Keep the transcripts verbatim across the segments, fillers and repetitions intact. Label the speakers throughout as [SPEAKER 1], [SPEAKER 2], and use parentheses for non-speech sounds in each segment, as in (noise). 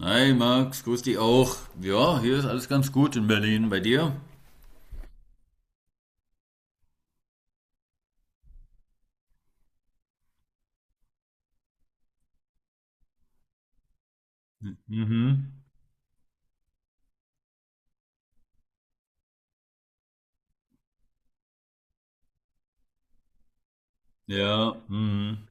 [SPEAKER 1] Hi Max, grüß dich auch. Ja, hier ist alles ganz gut in Berlin. Bei dir? Mhm. Ja, mhm.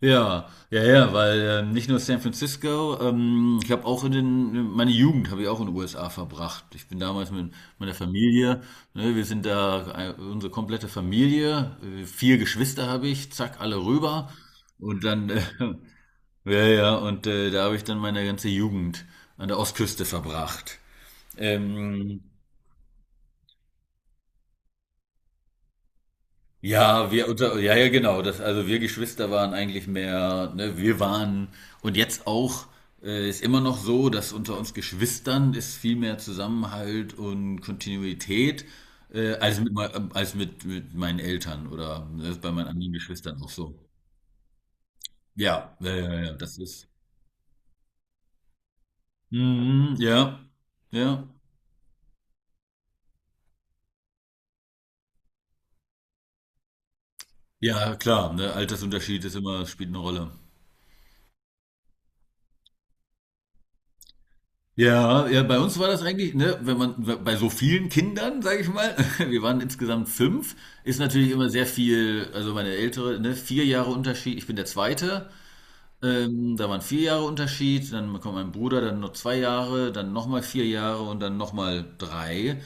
[SPEAKER 1] Ja, ja, ja, weil ähm, nicht nur San Francisco, ähm, ich habe auch in den, meine Jugend habe ich auch in den U S A verbracht. Ich bin damals mit meiner Familie, ne, wir sind da, äh, unsere komplette Familie, äh, vier Geschwister habe ich, zack, alle rüber. Und dann, äh, (laughs) ja, ja, und äh, da habe ich dann meine ganze Jugend an der Ostküste verbracht. Ähm, Ja, wir unter, ja, ja, genau. Das, also wir Geschwister waren eigentlich mehr, ne, wir waren und jetzt auch äh, ist immer noch so, dass unter uns Geschwistern ist viel mehr Zusammenhalt und Kontinuität äh, als mit, mei- als mit, mit meinen Eltern, oder das ist bei meinen anderen Geschwistern auch so. Ja, ja, ja, ja, das ist. Mhm, ja, ja, ja, klar. Ne, Altersunterschied ist immer, spielt eine Rolle. Ja, ja, bei uns war das eigentlich, ne, wenn man bei so vielen Kindern, sage ich mal, (laughs) wir waren insgesamt fünf, ist natürlich immer sehr viel, also meine ältere, ne, vier Jahre Unterschied, ich bin der Zweite, ähm, da waren vier Jahre Unterschied, dann kommt mein Bruder, dann noch zwei Jahre, dann nochmal vier Jahre und dann nochmal drei.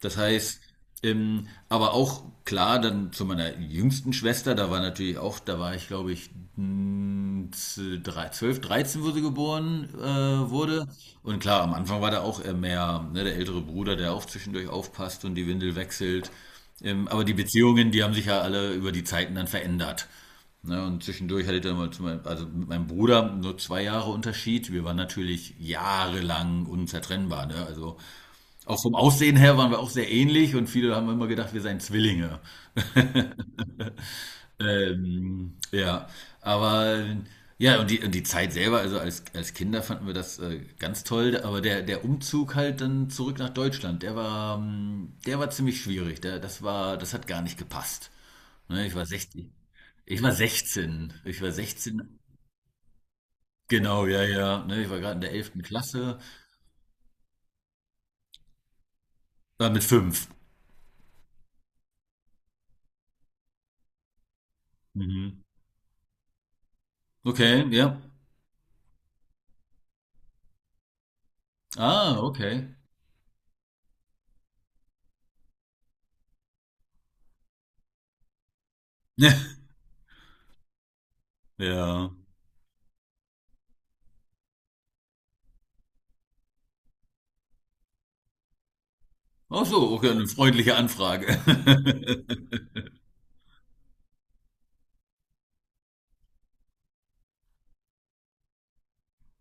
[SPEAKER 1] Das heißt, ähm, aber auch klar, dann zu meiner jüngsten Schwester, da war natürlich auch, da war ich glaube ich mh, z- drei- zwölf, dreizehn, wo sie geboren äh, wurde. Und klar, am Anfang war da auch äh, mehr, ne, der ältere Bruder, der auch zwischendurch aufpasst und die Windel wechselt. Ähm, aber die Beziehungen, die haben sich ja alle über die Zeiten dann verändert. Ne, und zwischendurch hatte ich dann mal zu meinem, also mit meinem Bruder nur zwei Jahre Unterschied. Wir waren natürlich jahrelang unzertrennbar. Ne? Also auch vom Aussehen her waren wir auch sehr ähnlich und viele haben immer gedacht, wir seien Zwillinge. Ähm, ja, aber ja, und die, und die Zeit selber, also als, als Kinder fanden wir das äh, ganz toll, aber der, der Umzug halt dann zurück nach Deutschland, der war, ähm, der war ziemlich schwierig. Der, das war, das hat gar nicht gepasst. Ne? Ich war sechzehn. Ich war sechzehn Ich war sechzehn Genau, ja, ja. Ne, ich war gerade in der elften Klasse. Äh, mit fünf. Mhm. Okay, ja. Ah, okay. (laughs) Ja. Ach so, okay, eine freundliche Anfrage. (laughs)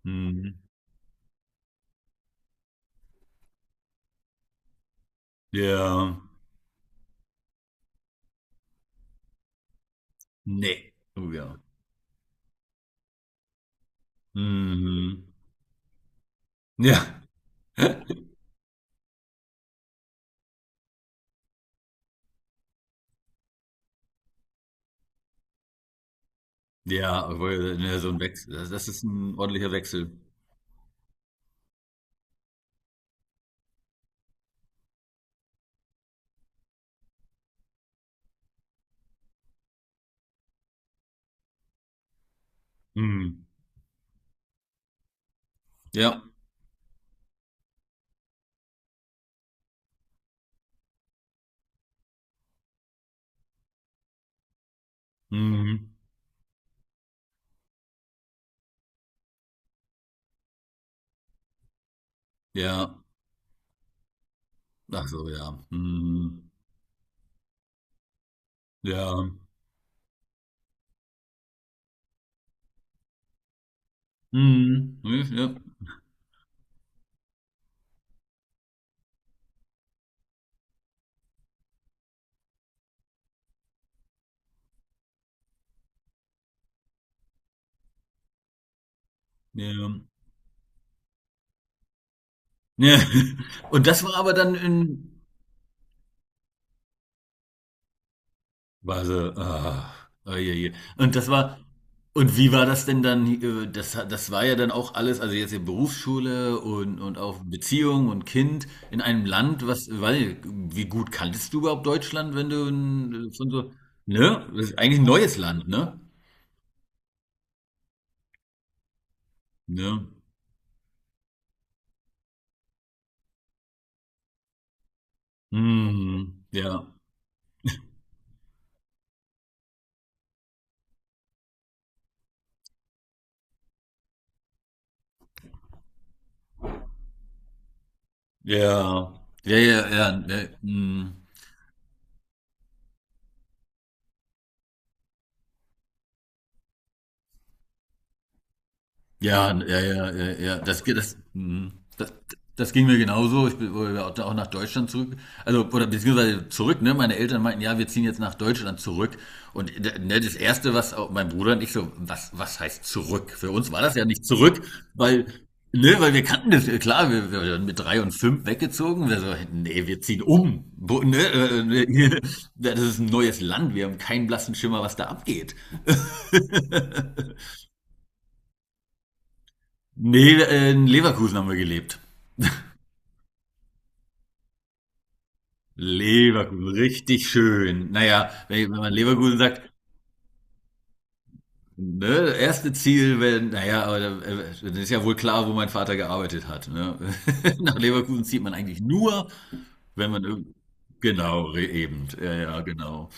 [SPEAKER 1] Mhm. Ja. Nee. Oh ja. Mhm. Ja. (laughs) Ja, obwohl, ne, so ein Wechsel. Das das ist ein ordentlicher Wechsel. Mhm. Ja. Mhm. Ja. Ach so, ja. Mhm. Ja. Mhm. Ja. Ja. Ja. (laughs) Und das war aber dann in Basel. Ah, ah, je, je. Und das war, und wie war das denn dann? äh, Das, hat- das war ja dann auch alles, also jetzt in Berufsschule und, und auch Beziehung und Kind in einem Land, was, weiß ich, wie gut kanntest du überhaupt Deutschland, wenn du in- von so, ne? Das ist eigentlich ein neues Land, ne? Ne? Hm, ja, ja, ja, ja, ja, ne, hm. Ja, ja, ja, ja, ja. Das, geht- das, mhm. das, das ging mir genauso. Ich bin wurde auch auch nach Deutschland zurück. Also, oder beziehungsweise zurück, ne? Meine Eltern meinten, ja, wir ziehen jetzt nach Deutschland zurück. Und äh, ne, das Erste, was auch mein Bruder und ich so, was, was heißt zurück? Für uns war das ja nicht zurück, weil, ne, weil wir kannten das, äh, klar, wir, wir waren mit drei und fünf weggezogen. Wir so, nee, wir ziehen um. Bo, ne, äh, ne, (laughs) das ist ein neues Land, wir haben keinen blassen Schimmer, was da abgeht. (laughs) Nee, äh, in Leverkusen haben wir gelebt. Leverkusen, richtig schön. Naja, wenn wenn man Leverkusen sagt, ne, erste Ziel, wenn, naja, aber da, äh, dann ist ja wohl klar, wo mein Vater gearbeitet hat. Ne? (laughs) Nach Leverkusen zieht man eigentlich nur, wenn man irgend- genau, re- eben, ja, ja, genau.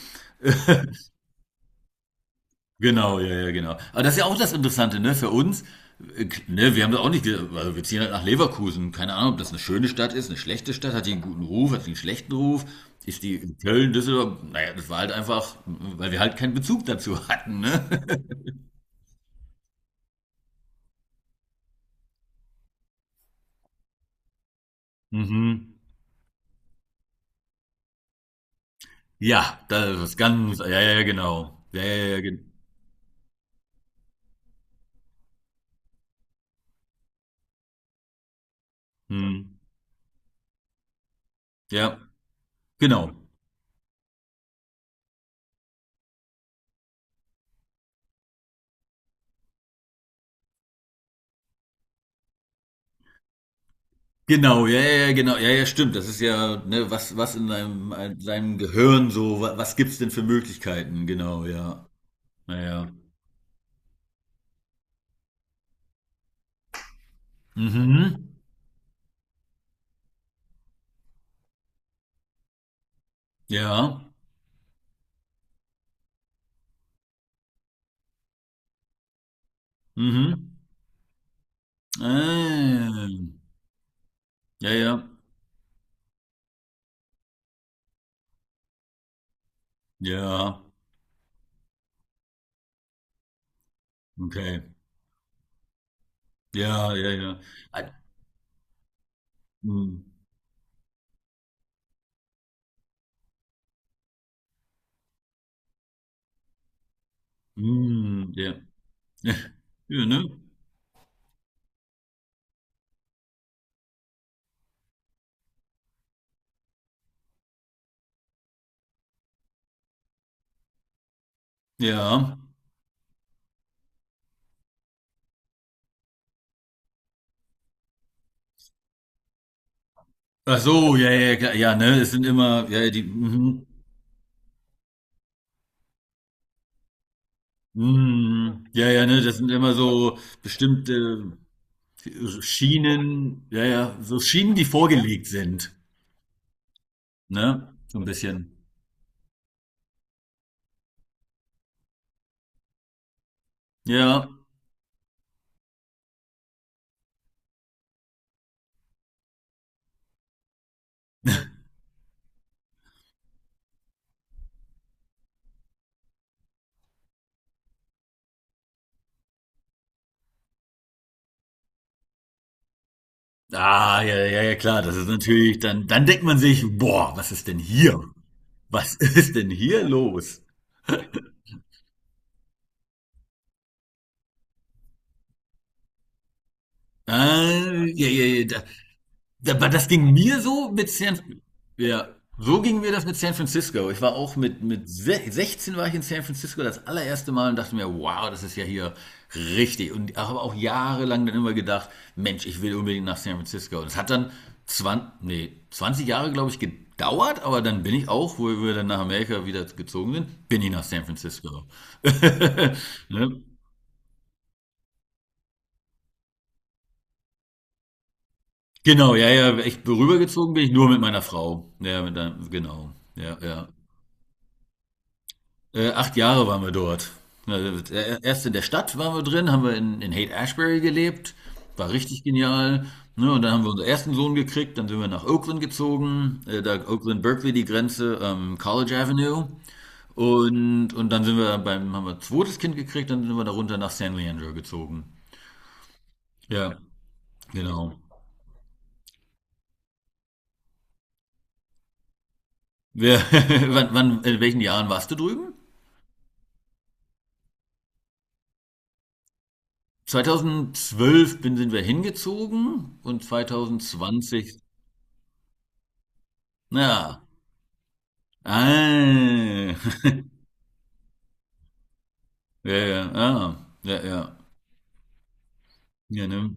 [SPEAKER 1] Genau, ja, ja, genau. Aber das ist ja auch das Interessante, ne? Für uns, äh, k- ne, wir haben da auch nicht, ge- also wir ziehen halt nach Leverkusen. Keine Ahnung, ob das eine schöne Stadt ist, eine schlechte Stadt, hat die einen guten Ruf, hat die einen schlechten Ruf, ist die in Köln, Düsseldorf, naja, das war halt einfach, weil wir halt keinen Bezug dazu hatten, ne? (laughs) Mhm. Ja, das ist ganz, ja, ja, ja, genau. Ja, ja, ja, gen- hm. Ja, genau. Genau, ja, ja, ja, genau, ja, ja, stimmt. Das ist ja, ne, was, was in deinem, deinem, Gehirn so, wa- was gibt's denn für Möglichkeiten? Genau, ja. Naja. Mhm. Ja. Mhm. Ähm. Ja, ja. Ja. Okay. Ja, ja, ja. Ah, mm, mm, ja. (laughs) Ja, ne? Ja. Ach so, ja, ja, klar, ja, ne? Es sind immer, ja, ja, die, mhm. Mhm. Ja, ja, ne? Das sind immer so bestimmte Schienen, ja, ja, so Schienen, die vorgelegt sind, ne? So ein bisschen. Ja. Ah, ja, ja, ja, klar, das ist natürlich, dann, dann denkt man sich, boah, was ist denn hier? Was (laughs) ist denn hier los? Ah, ja, ja, ja, da, aber das ging mir so mit San, ja, so ging mir das mit San Francisco. Ich war auch mit, mit se- sechzehn war ich in San Francisco das allererste Mal und dachte mir, wow, das ist ja hier richtig. Und habe auch jahrelang dann immer gedacht, Mensch, ich will unbedingt nach San Francisco. Und es hat dann zwanzig nee, zwanzig Jahre, glaube ich, gedauert, aber dann bin ich auch, wo wir dann nach Amerika wieder gezogen sind, bin ich nach San Francisco. (laughs) Ne? Genau, ja, ja, ich rübergezogen bin ich nur mit meiner Frau. Ja, mit deinem, genau. Ja, ja. Äh, acht Jahre waren wir dort. Äh, der- Erst in der Stadt waren wir drin, haben wir in, in Haight-Ashbury gelebt, war richtig genial. Ne, und dann haben wir unseren ersten Sohn gekriegt, dann sind wir nach Oakland gezogen, äh, da Oakland-Berkeley die Grenze, ähm, College Avenue. Und, und dann sind wir beim, haben wir ein zweites Kind gekriegt, dann sind wir da runter nach San Leandro gezogen. Ja, genau. Wer, (laughs) wann, wann, in welchen Jahren warst du drüben? zweitausendzwölf bin, sind wir hingezogen und zwanzig zwanzig, na, ah. (laughs) Ja, ja, ah. Ja, ja. Ja, ne?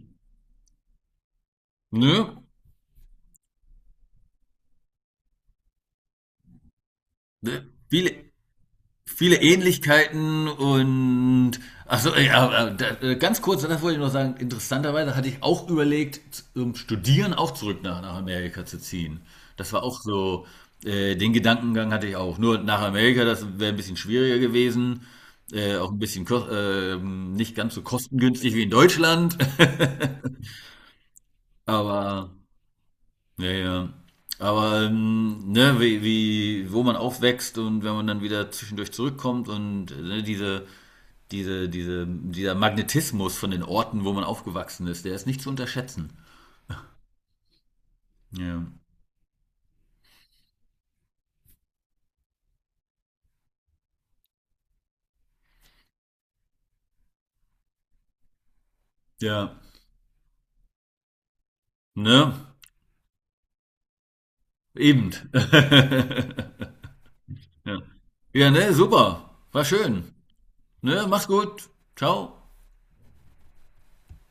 [SPEAKER 1] Nö. Ne, viele, viele Ähnlichkeiten und ach so, ja, äh, da- äh, ganz kurz, das wollte ich noch sagen, interessanterweise hatte ich auch überlegt, z- ähm, Studieren auch zurück nach, nach Amerika zu ziehen. Das war auch so, äh, den Gedankengang hatte ich auch. Nur nach Amerika, das wäre ein bisschen schwieriger gewesen, äh, auch ein bisschen kos- ähm, nicht ganz so kostengünstig wie in Deutschland. (laughs) Aber Ja, ja. Aber ähm, ne, wie, wie, wo man aufwächst und wenn man dann wieder zwischendurch zurückkommt und äh, ne, diese, diese, diese, dieser Magnetismus von den Orten, wo man aufgewachsen ist, der ist nicht zu unterschätzen. Ja. Ja. Ne? Eben. (laughs) Ja. Ja, ne, super. War schön. Ne, mach's gut. Ciao.